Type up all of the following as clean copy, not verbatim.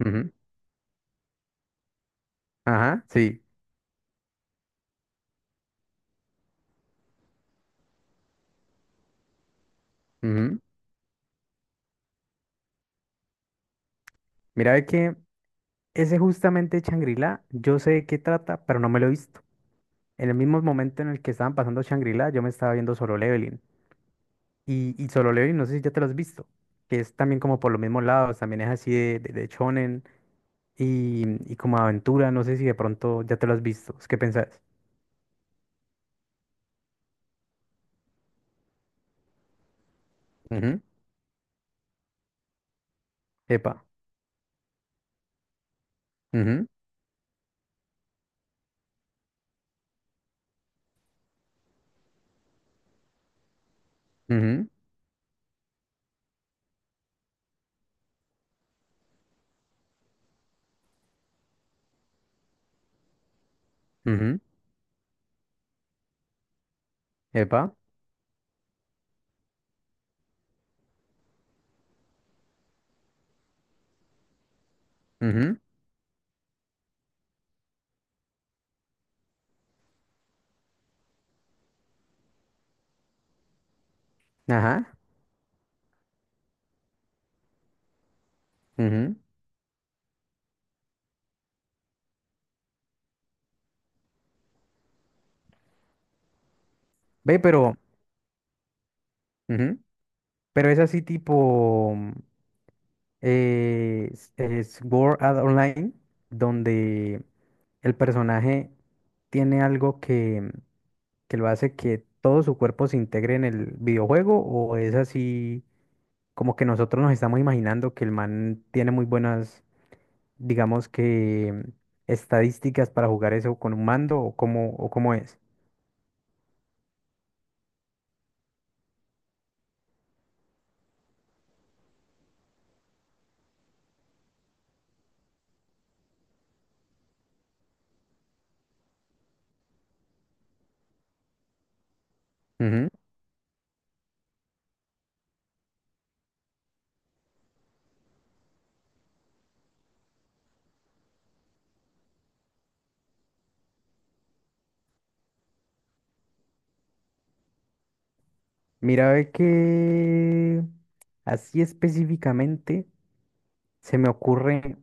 Ujú. Ajá, sí. Ujú. Mira, ve que ese justamente Shangri-La, yo sé de qué trata, pero no me lo he visto. En el mismo momento en el que estaban pasando Shangri-La, yo me estaba viendo Solo Leveling. Y Solo Leveling, no sé si ya te lo has visto, que es también como por los mismos lados, también es así de shonen y como aventura, no sé si de pronto ya te lo has visto. ¿Qué pensás? Ujú. Epa. Ujú, ujú, ujú. Epa. Ujú. Ajá. Ujú. Ve, pero... Ujú. Pero es así tipo. Es Sword Art Online, donde el personaje tiene algo que lo hace que todo su cuerpo se integre en el videojuego, o es así como que nosotros nos estamos imaginando que el man tiene muy buenas, digamos que estadísticas para jugar eso con un mando, o cómo es. Ujú. Mira, ve que así específicamente se me ocurre.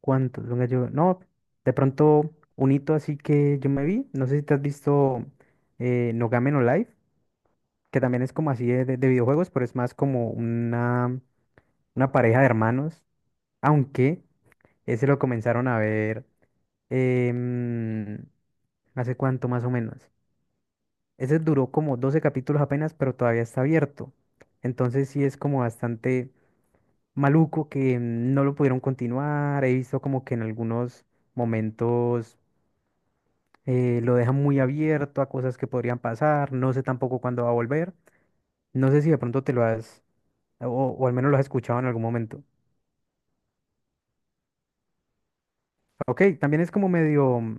¿Cuántos? Venga, yo, no, de pronto un hito así que yo me vi, no sé si te has visto No Game No Life, que también es como así de videojuegos, pero es más como una pareja de hermanos, aunque ese lo comenzaron a ver em, hace cuánto más o menos. Ese duró como 12 capítulos apenas, pero todavía está abierto. Entonces sí es como bastante maluco que no lo pudieron continuar. He visto como que en algunos momentos lo dejan muy abierto a cosas que podrían pasar, no sé tampoco cuándo va a volver, no sé si de pronto te lo has, o, o al menos lo has escuchado en algún momento. Ok, también es como medio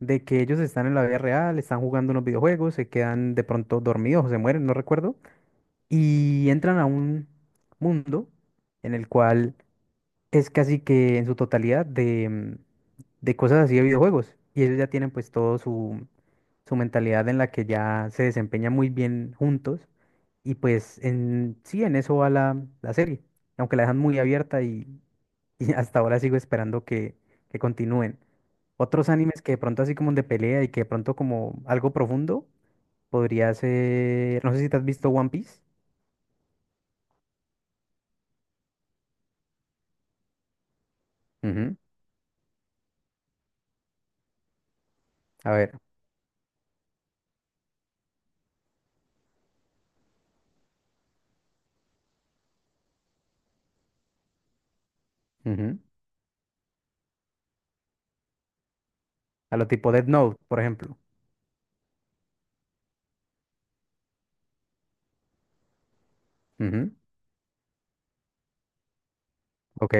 de que ellos están en la vida real, están jugando unos videojuegos, se quedan de pronto dormidos o se mueren, no recuerdo, y entran a un mundo en el cual es casi que en su totalidad de cosas así de videojuegos, y ellos ya tienen pues todo su mentalidad en la que ya se desempeñan muy bien juntos. Y pues sí, en eso va la serie, aunque la dejan muy abierta y, y hasta ahora sigo esperando que continúen. Otros animes que de pronto así como de pelea y que de pronto como algo profundo podría ser, no sé si te has visto One Piece. Ujú. A ver. Ujú. A lo tipo Death Note, por ejemplo. Ujú. Ok.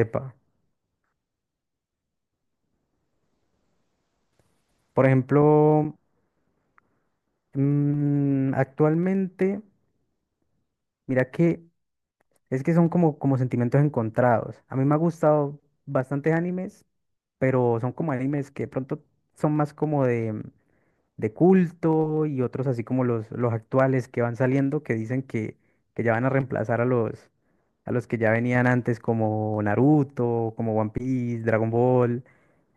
Epa. Por ejemplo, actualmente, mira que es que son como sentimientos encontrados. A mí me ha gustado bastantes animes, pero son como animes que de pronto son más como de culto y otros así como los actuales que van saliendo, que dicen que ya van a reemplazar a los que ya venían antes, como Naruto, como One Piece, Dragon Ball,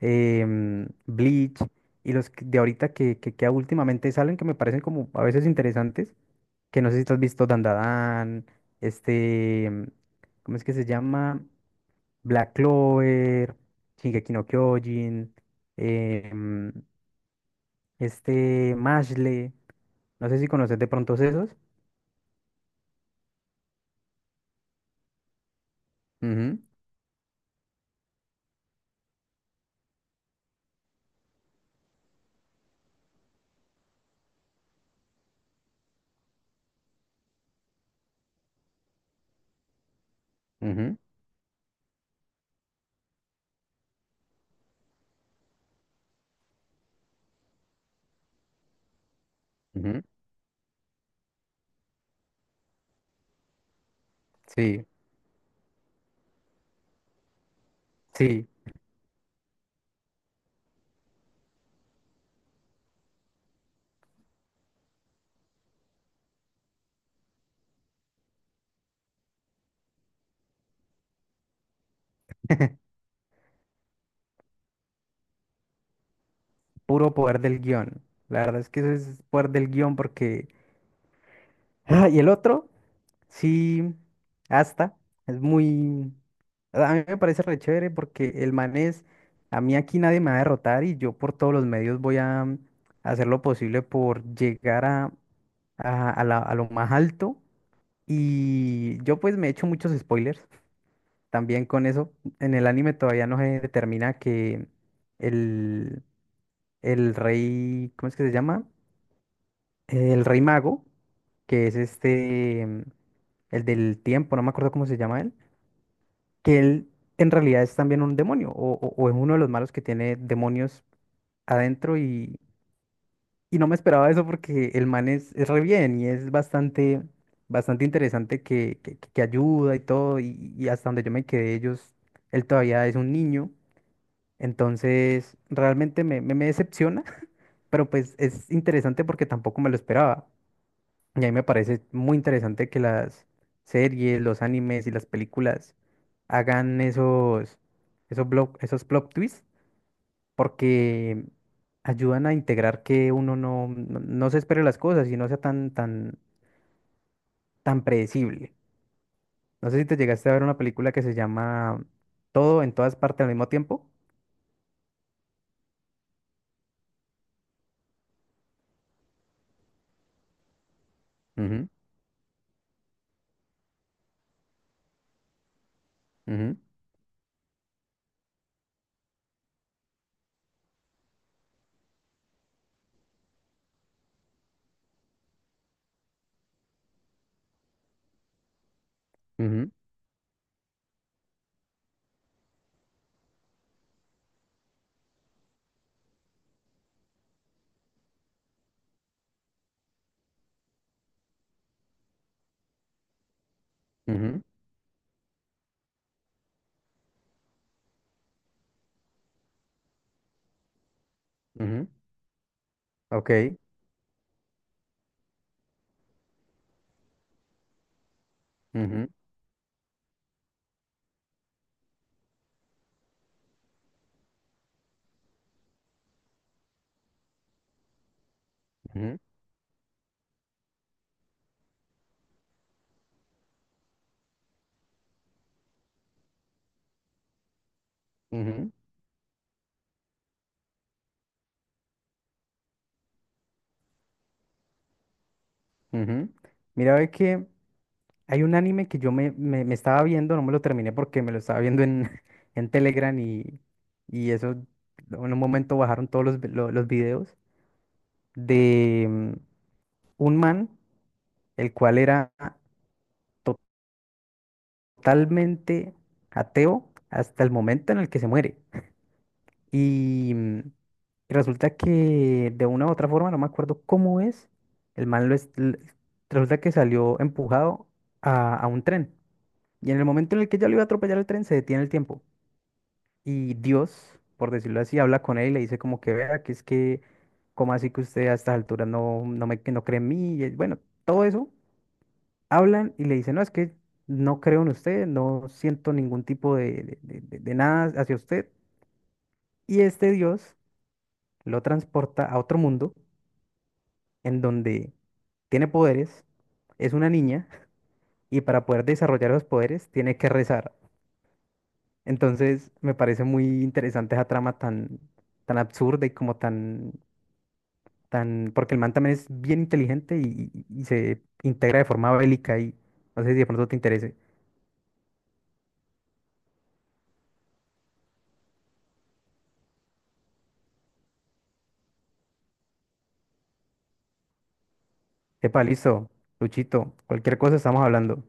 Bleach y de ahorita que últimamente salen, que me parecen como a veces interesantes, que no sé si tú has visto Dandadan, este, ¿cómo es que se llama? Black Clover, Shingeki no Kyojin, em, este Mashle. No sé si conoces de pronto esos. Ujú, ujú, ujú. Sí, sí, puro poder del guión. La verdad es que eso es poder del guión porque... Ah, y el otro, sí, hasta, es muy... A mí me parece re chévere porque el man es... A mí aquí nadie me va a derrotar y yo por todos los medios voy a hacer lo posible por llegar a lo más alto. Y yo pues me he hecho muchos spoilers también con eso. En el anime todavía no se determina que el, el rey, ¿cómo es que se llama? El rey mago, que es el del tiempo, no me acuerdo cómo se llama él, que él en realidad es también un demonio o es uno de los malos que tiene demonios adentro. Y no me esperaba eso porque el man es re bien y es bastante, bastante interesante que ayuda y todo. Y hasta donde yo me quedé, él todavía es un niño. Entonces, realmente me decepciona, pero pues es interesante porque tampoco me lo esperaba. Y a mí me parece muy interesante que las series, los animes y las películas hagan esos plot twists porque ayudan a integrar que uno no se espere las cosas y no sea tan, tan, tan predecible. No sé si te llegaste a ver una película que se llama Todo en todas partes al mismo tiempo. Ujú, ujú, ujú, ujú, ujú. Ok. Ujú, ujú, ujú, ujú. Mira, ve que hay un anime que yo me estaba viendo, no me lo terminé porque me lo estaba viendo en, en Telegram y eso, en un momento bajaron todos los videos de un man, el cual era totalmente ateo hasta el momento en el que se muere. Y mm, y resulta que de una u otra forma, no me acuerdo cómo es, el man resulta que salió empujado a un tren. Y en el momento en el que ya lo iba a atropellar el tren, se detiene el tiempo. Y Dios, por decirlo así, habla con él y le dice como que vea, que es que, ¿como así que usted a estas alturas no, no me, que no cree en mí? Y bueno, todo eso hablan y le dicen, no, es que no creo en usted, no siento ningún tipo de nada hacia usted. Y este Dios lo transporta a otro mundo en donde tiene poderes, es una niña y para poder desarrollar los poderes tiene que rezar. Entonces me parece muy interesante esa trama tan, tan absurda y como tan, tan, porque el man también es bien inteligente y se integra de forma bélica, y no sé si de pronto te interese. Epa, listo, Luchito, cualquier cosa estamos hablando.